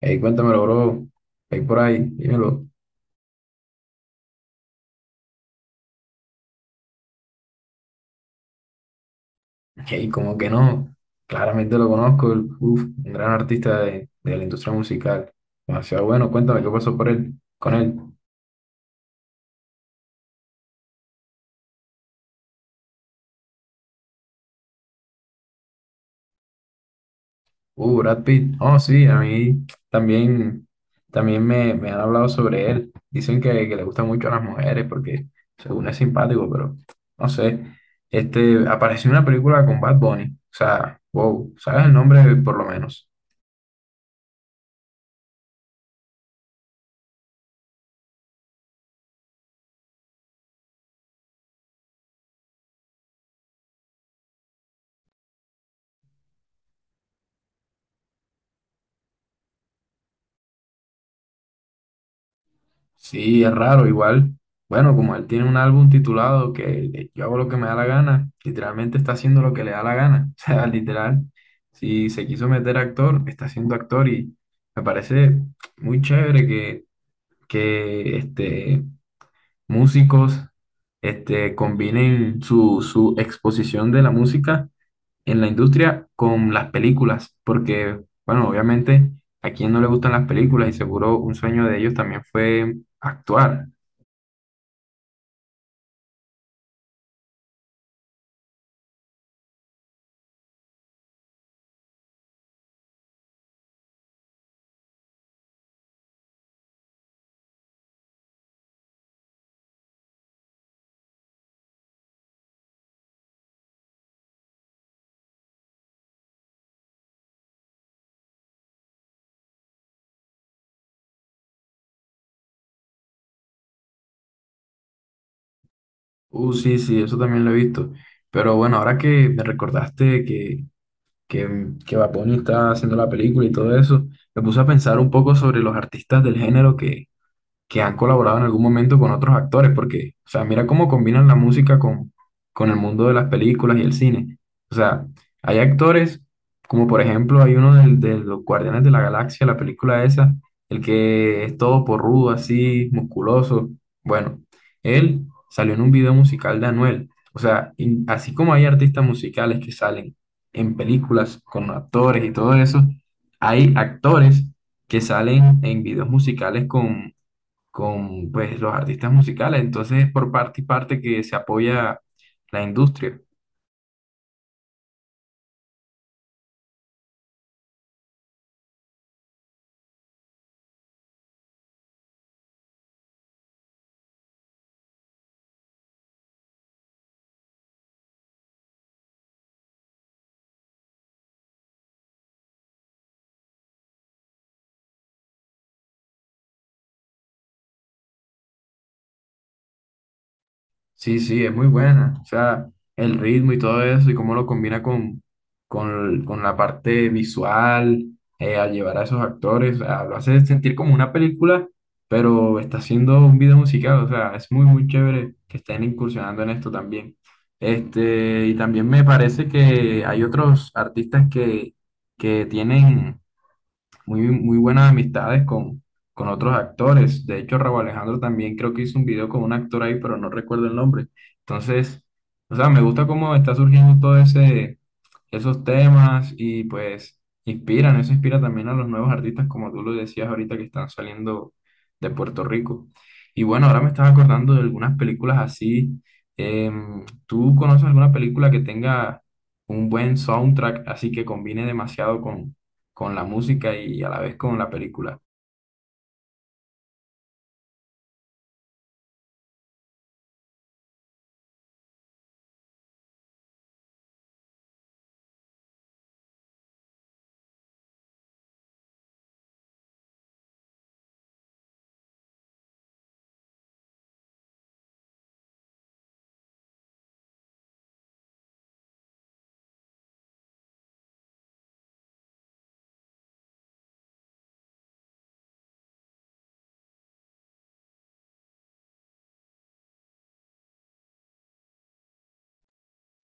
Ey, cuéntamelo, bro. Ahí por ahí, dímelo. Ey, como que no. Claramente lo conozco. Un gran artista de la industria musical. Demasiado bueno. Cuéntame qué pasó por con él. Brad Pitt. Oh, sí, a mí también, también me han hablado sobre él. Dicen que le gusta mucho a las mujeres porque según es simpático, pero no sé. Apareció en una película con Bad Bunny. O sea, wow, ¿sabes el nombre por lo menos? Sí, es raro, igual. Bueno, como él tiene un álbum titulado que yo hago lo que me da la gana, literalmente está haciendo lo que le da la gana. O sea, literal, si se quiso meter actor, está siendo actor y me parece muy chévere que músicos combinen su exposición de la música en la industria con las películas, porque, bueno, obviamente a quien no le gustan las películas y seguro un sueño de ellos también fue actuar. Sí, sí, eso también lo he visto. Pero bueno, ahora que me recordaste que, que Bad Bunny está haciendo la película y todo eso, me puse a pensar un poco sobre los artistas del género que han colaborado en algún momento con otros actores, porque, o sea, mira cómo combinan la música con el mundo de las películas y el cine. O sea, hay actores, como por ejemplo hay uno de los Guardianes de la Galaxia, la película esa, el que es todo porrudo, así, musculoso. Bueno, él salió en un video musical de Anuel. O sea, y así como hay artistas musicales que salen en películas con actores y todo eso, hay actores que salen en videos musicales con pues los artistas musicales, entonces es por parte y parte que se apoya la industria. Sí, sí, es muy buena, o sea, el ritmo y todo eso y cómo lo combina con la parte visual, al llevar a esos actores, o sea, lo hace sentir como una película, pero está haciendo un video musical, o sea, es muy, muy chévere que estén incursionando en esto también. Y también me parece que hay otros artistas que tienen muy, muy buenas amistades con otros actores. De hecho, Raúl Alejandro también creo que hizo un video con un actor ahí, pero no recuerdo el nombre. Entonces, o sea, me gusta cómo está surgiendo esos temas y pues inspiran, eso inspira también a los nuevos artistas, como tú lo decías ahorita, que están saliendo de Puerto Rico. Y bueno, ahora me estaba acordando de algunas películas así. ¿Tú conoces alguna película que tenga un buen soundtrack, así que combine demasiado con la música y a la vez con la película?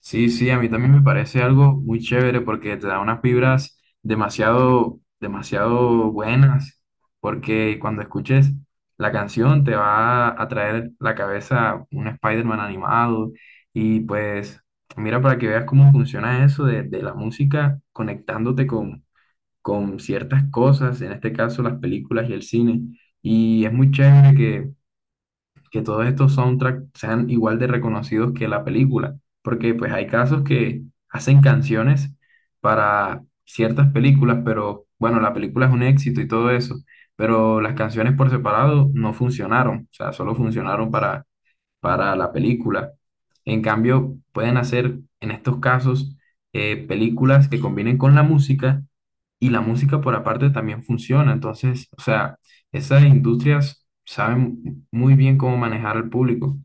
Sí, sí, a mí también me parece algo muy chévere porque te da unas vibras demasiado, demasiado buenas, porque cuando escuches la canción te va a traer la cabeza un Spider-Man animado y pues mira para que veas cómo funciona eso de la música conectándote con ciertas cosas, en este caso las películas y el cine. Y es muy chévere que todos estos soundtracks sean igual de reconocidos que la película, porque pues hay casos que hacen canciones para ciertas películas, pero bueno, la película es un éxito y todo eso, pero las canciones por separado no funcionaron, o sea, solo funcionaron para la película. En cambio, pueden hacer en estos casos películas que combinen con la música y la música por aparte también funciona. Entonces, o sea, esas industrias saben muy bien cómo manejar al público.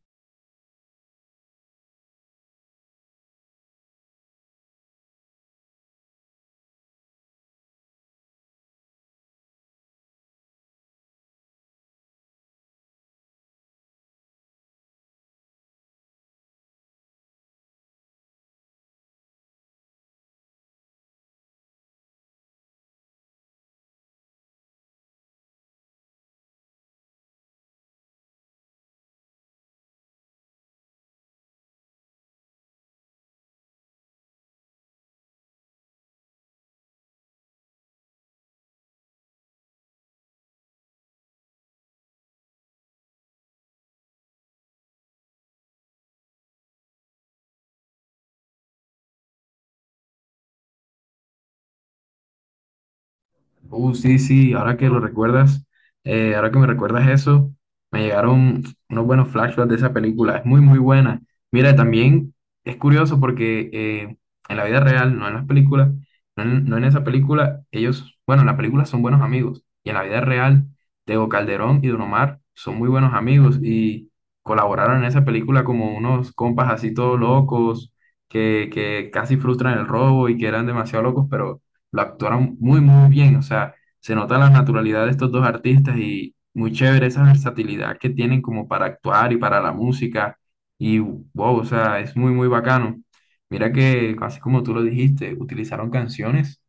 Sí, sí, ahora que lo recuerdas, ahora que me recuerdas eso, me llegaron unos buenos flashbacks de esa película, es muy, muy buena. Mira, también es curioso porque en la vida real, no en las películas, no en esa película, ellos, bueno, en la película son buenos amigos, y en la vida real, Tego Calderón y Don Omar son muy buenos amigos y colaboraron en esa película como unos compas así todos locos, que casi frustran el robo y que eran demasiado locos, pero lo actuaron muy, muy bien. O sea, se nota la naturalidad de estos dos artistas y muy chévere esa versatilidad que tienen como para actuar y para la música. Y wow, o sea, es muy, muy bacano. Mira que, así como tú lo dijiste, utilizaron canciones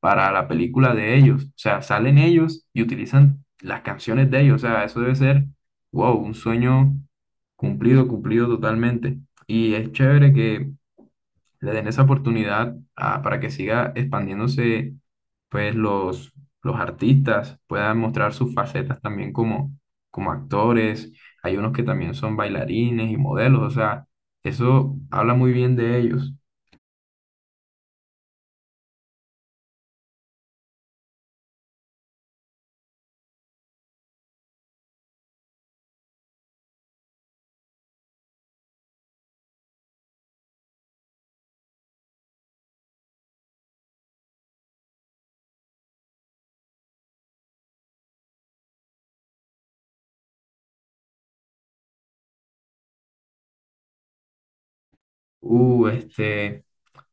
para la película de ellos. O sea, salen ellos y utilizan las canciones de ellos. O sea, eso debe ser, wow, un sueño cumplido, cumplido totalmente. Y es chévere que le den esa oportunidad para que siga expandiéndose, pues los artistas puedan mostrar sus facetas también como actores. Hay unos que también son bailarines y modelos, o sea, eso habla muy bien de ellos. Uh, este,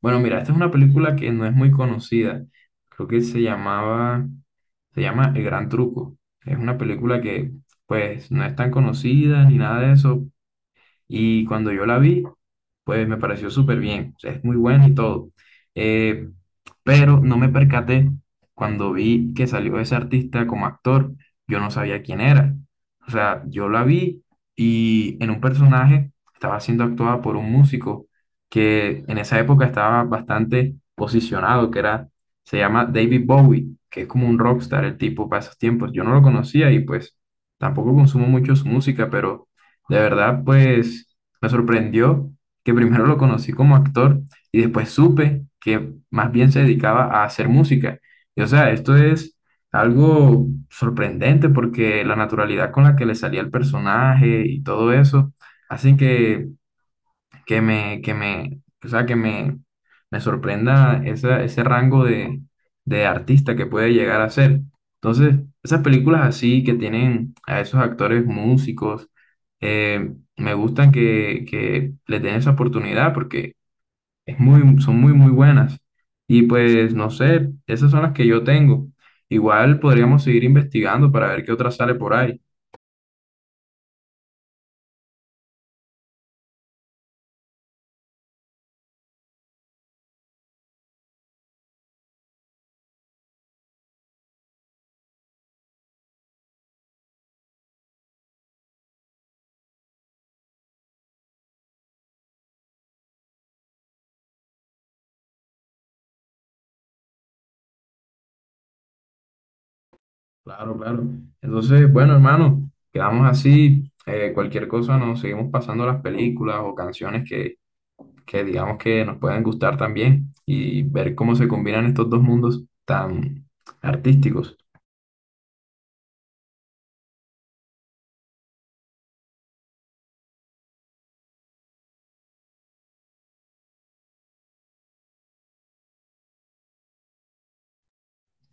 bueno, mira, esta es una película que no es muy conocida. Creo que se llama El Gran Truco. Es una película que, pues, no es tan conocida ni nada de eso. Y cuando yo la vi, pues me pareció súper bien, o sea, es muy buena y todo. Eh, pero no me percaté, cuando vi que salió ese artista como actor, yo no sabía quién era. O sea, yo la vi y en un personaje estaba siendo actuada por un músico que en esa época estaba bastante posicionado, se llama David Bowie, que es como un rockstar el tipo para esos tiempos. Yo no lo conocía y pues tampoco consumo mucho su música, pero de verdad, pues me sorprendió que primero lo conocí como actor y después supe que más bien se dedicaba a hacer música. Y o sea, esto es algo sorprendente porque la naturalidad con la que le salía el personaje y todo eso hacen que me, o sea, que me sorprenda ese rango de artista que puede llegar a ser. Entonces, esas películas así que tienen a esos actores músicos, me gustan, que les den esa oportunidad porque son muy, muy buenas. Y pues, no sé, esas son las que yo tengo. Igual podríamos seguir investigando para ver qué otra sale por ahí. Claro, claro. Entonces, bueno, hermano, quedamos así. Cualquier cosa nos seguimos pasando las películas o canciones que digamos que nos puedan gustar también y ver cómo se combinan estos dos mundos tan artísticos.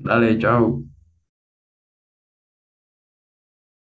Dale, chao.